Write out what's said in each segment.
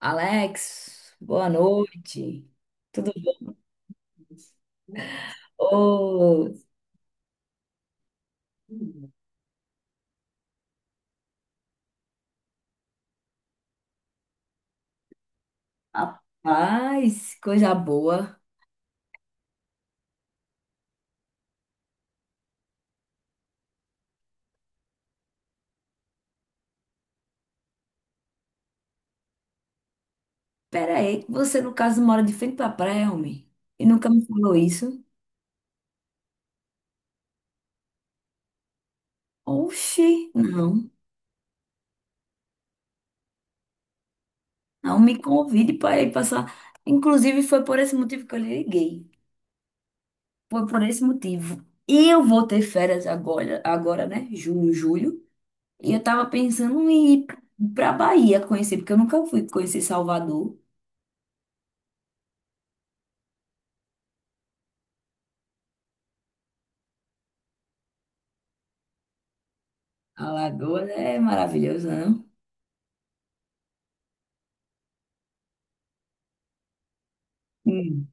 Alex, boa noite. Tudo bom? Rapaz, coisa boa. Pera aí, você no caso mora de frente pra praia, homem? E nunca me falou isso? Oxi, não. Não me convide para ir passar. Inclusive, foi por esse motivo que eu lhe liguei. Foi por esse motivo. E eu vou ter férias agora, né? Junho, julho. E eu tava pensando em ir pra Bahia conhecer, porque eu nunca fui conhecer Salvador. Alagoas é maravilhoso, não? Hum.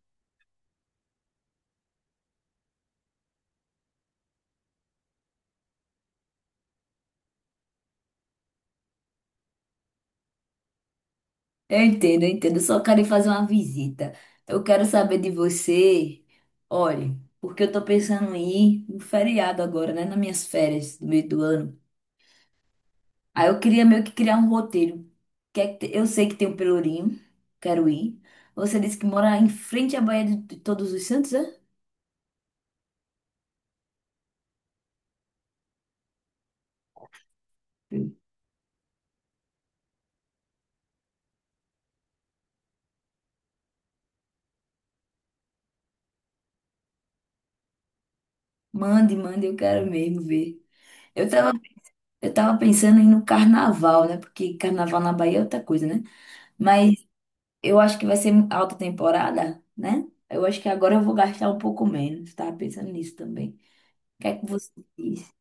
Eu entendo. Eu só quero ir fazer uma visita. Eu quero saber de você. Olha, porque eu tô pensando em ir no feriado agora, né? Nas minhas férias do meio do ano. Aí eu queria meio que criar um roteiro. Que é que te- Eu sei que tem um Pelourinho, quero ir. Você disse que mora em frente à Baía de Todos os Santos, é? Sim. Mande, mande, eu quero mesmo ver. Eu tava, eu tava pensando em ir no carnaval, né? Porque carnaval na Bahia é outra coisa, né? Mas eu acho que vai ser alta temporada, né? Eu acho que agora eu vou gastar um pouco menos. Tava pensando nisso também. O que é que você diz?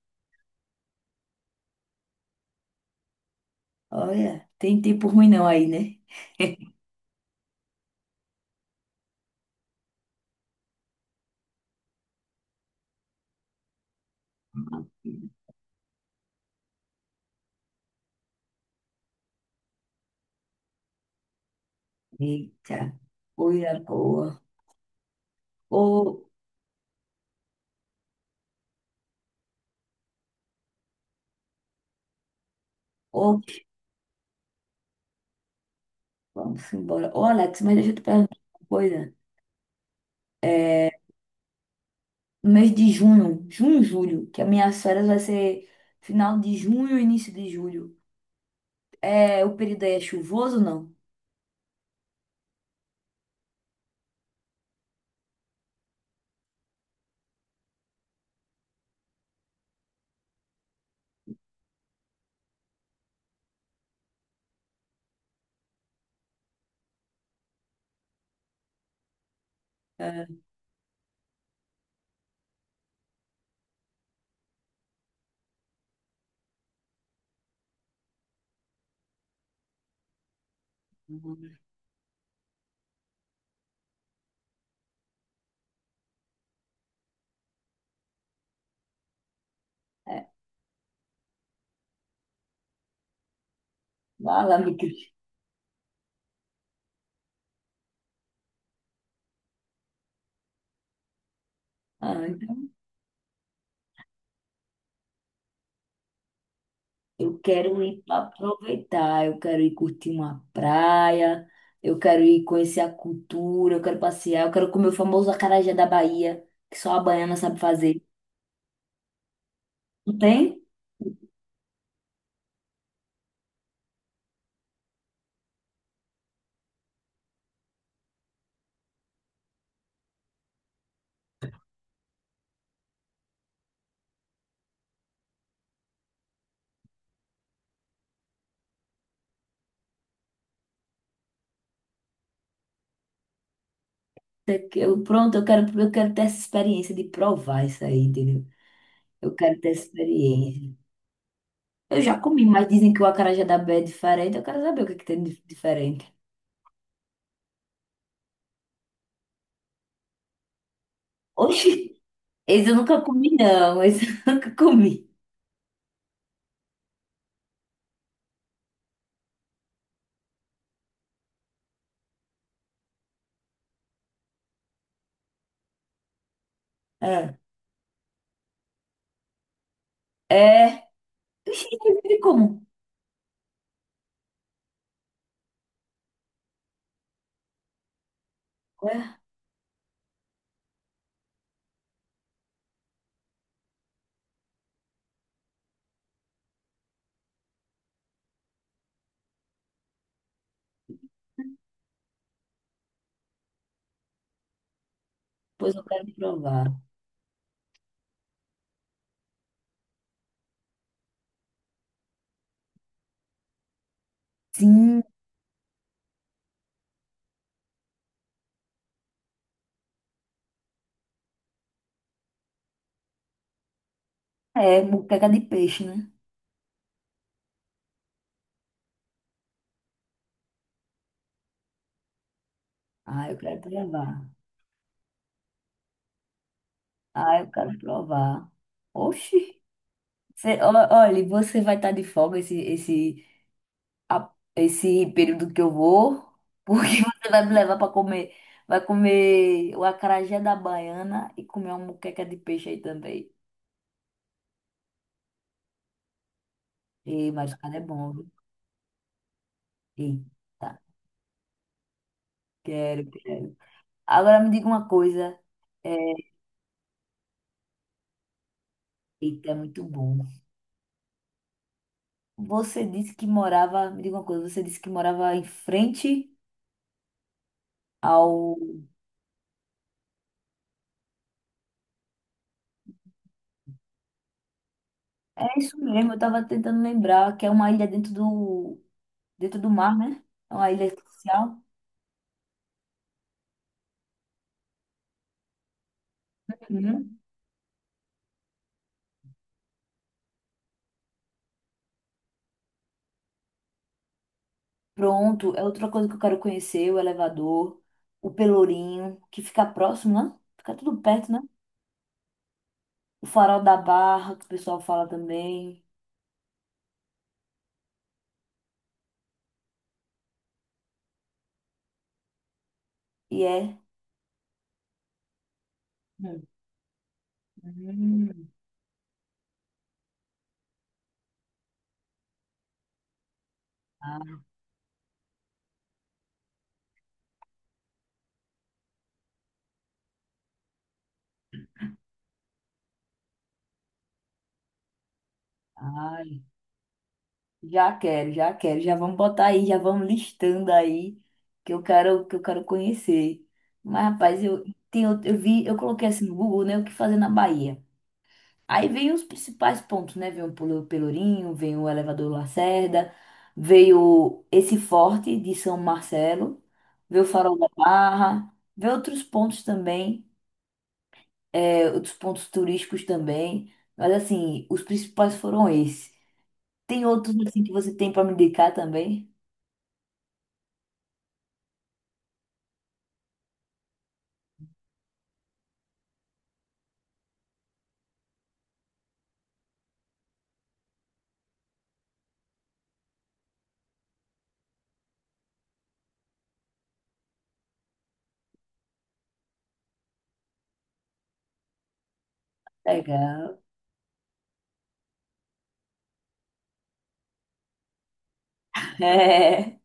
Olha, tem tempo ruim não aí, né? Eita, coisa boa. Ô, ô, vamos embora. Ô, Alex, mas deixa eu te perguntar uma coisa. É, no mês de junho, julho, que as minhas férias vai ser final de junho, início de julho. É, o período aí é chuvoso ou não? É, é, vai lá, meu querido. Ah, então eu quero ir pra aproveitar, eu quero ir curtir uma praia, eu quero ir conhecer a cultura, eu quero passear, eu quero comer o famoso acarajé da Bahia, que só a baiana sabe fazer. Não tem? Pronto, eu quero ter essa experiência de provar isso aí, entendeu? Eu quero ter essa experiência. Eu já comi, mas dizem que o acarajé da Bahia é diferente, eu quero saber o que é que tem de diferente. Oxi, esse eu nunca comi, não, esse eu nunca comi. Ah, é. Oxi, ele como? Ué? Pois eu quero provar. Sim, é moqueca de peixe, né? Ah, eu quero provar. Ah, eu quero provar. Oxi. Olha, você vai estar de folga esse período que eu vou, porque você vai me levar para comer. Vai comer o acarajé da baiana e comer uma moqueca de peixe aí também. Ei, mas o cara é bom, viu? Eita, quero, quero. Agora me diga uma coisa. É, eita, é muito bom. Você disse que morava, me diga uma coisa, você disse que morava em frente ao. É isso mesmo, eu tava tentando lembrar que é uma ilha dentro do mar, né? É uma ilha artificial. Uhum. Pronto, é outra coisa que eu quero conhecer, o elevador, o Pelourinho, que fica próximo, né? Fica tudo perto, né? O Farol da Barra, que o pessoal fala também. E é. Hum. Hum. Ah, já quero já vamos botar aí, já vamos listando aí que eu quero conhecer. Mas, rapaz, eu tenho, eu vi, eu coloquei assim no Google, né, o que fazer na Bahia. Aí vem os principais pontos, né? Vem o Pelourinho, vem o Elevador Lacerda, veio esse forte de São Marcelo, veio o Farol da Barra, veio outros pontos também, é, outros pontos turísticos também. Mas assim, os principais foram esses. Tem outros assim que você tem para me indicar também? Legal. É,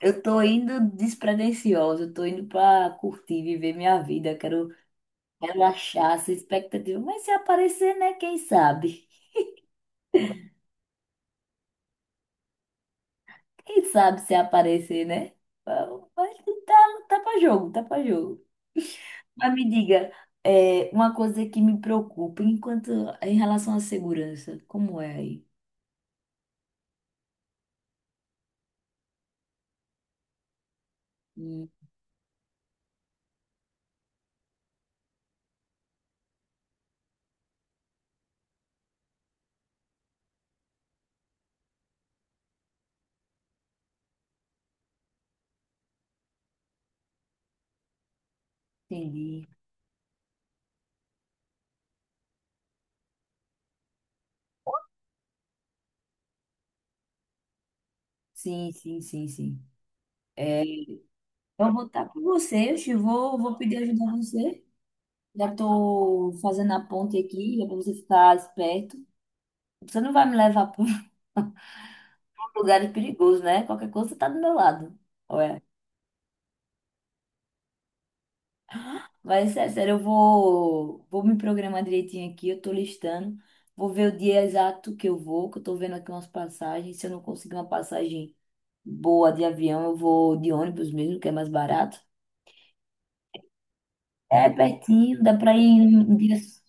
eu tô indo despretensiosa, eu tô indo pra curtir, viver minha vida, quero relaxar, sem expectativa. Mas se aparecer, né? Quem sabe? Quem sabe se aparecer, né? Mas tá, tá pra jogo. Mas me diga, é, uma coisa que me preocupa enquanto em relação à segurança, como é aí? Hum, Entendi. Sim, sim, sim, sim. É, eu vou estar com você, vou pedir ajuda a você. Já tô fazendo a ponte aqui, já pra você ficar esperto. Você não vai me levar para um lugar perigoso, né? Qualquer coisa você tá do meu lado. Olha. Mas é sério, vou me programar direitinho aqui, eu tô listando. Vou ver o dia exato que eu vou, que eu tô vendo aqui umas passagens. Se eu não conseguir uma passagem boa de avião, eu vou de ônibus mesmo, que é mais barato. É pertinho, dá pra ir em dias.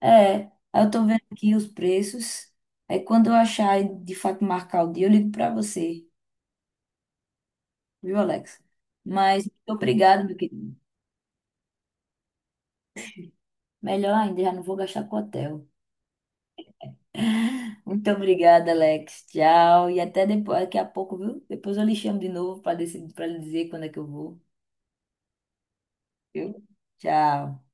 É, aí eu tô vendo aqui os preços. Aí quando eu achar e de fato marcar o dia, eu ligo pra você, viu, Alex? Mas muito obrigado, meu querido. Melhor ainda, já não vou gastar com hotel. Muito obrigada, Alex. Tchau. E até depois, daqui a pouco, viu? Depois eu lhe chamo de novo para decidir, para lhe dizer quando é que eu vou, viu? Tchau.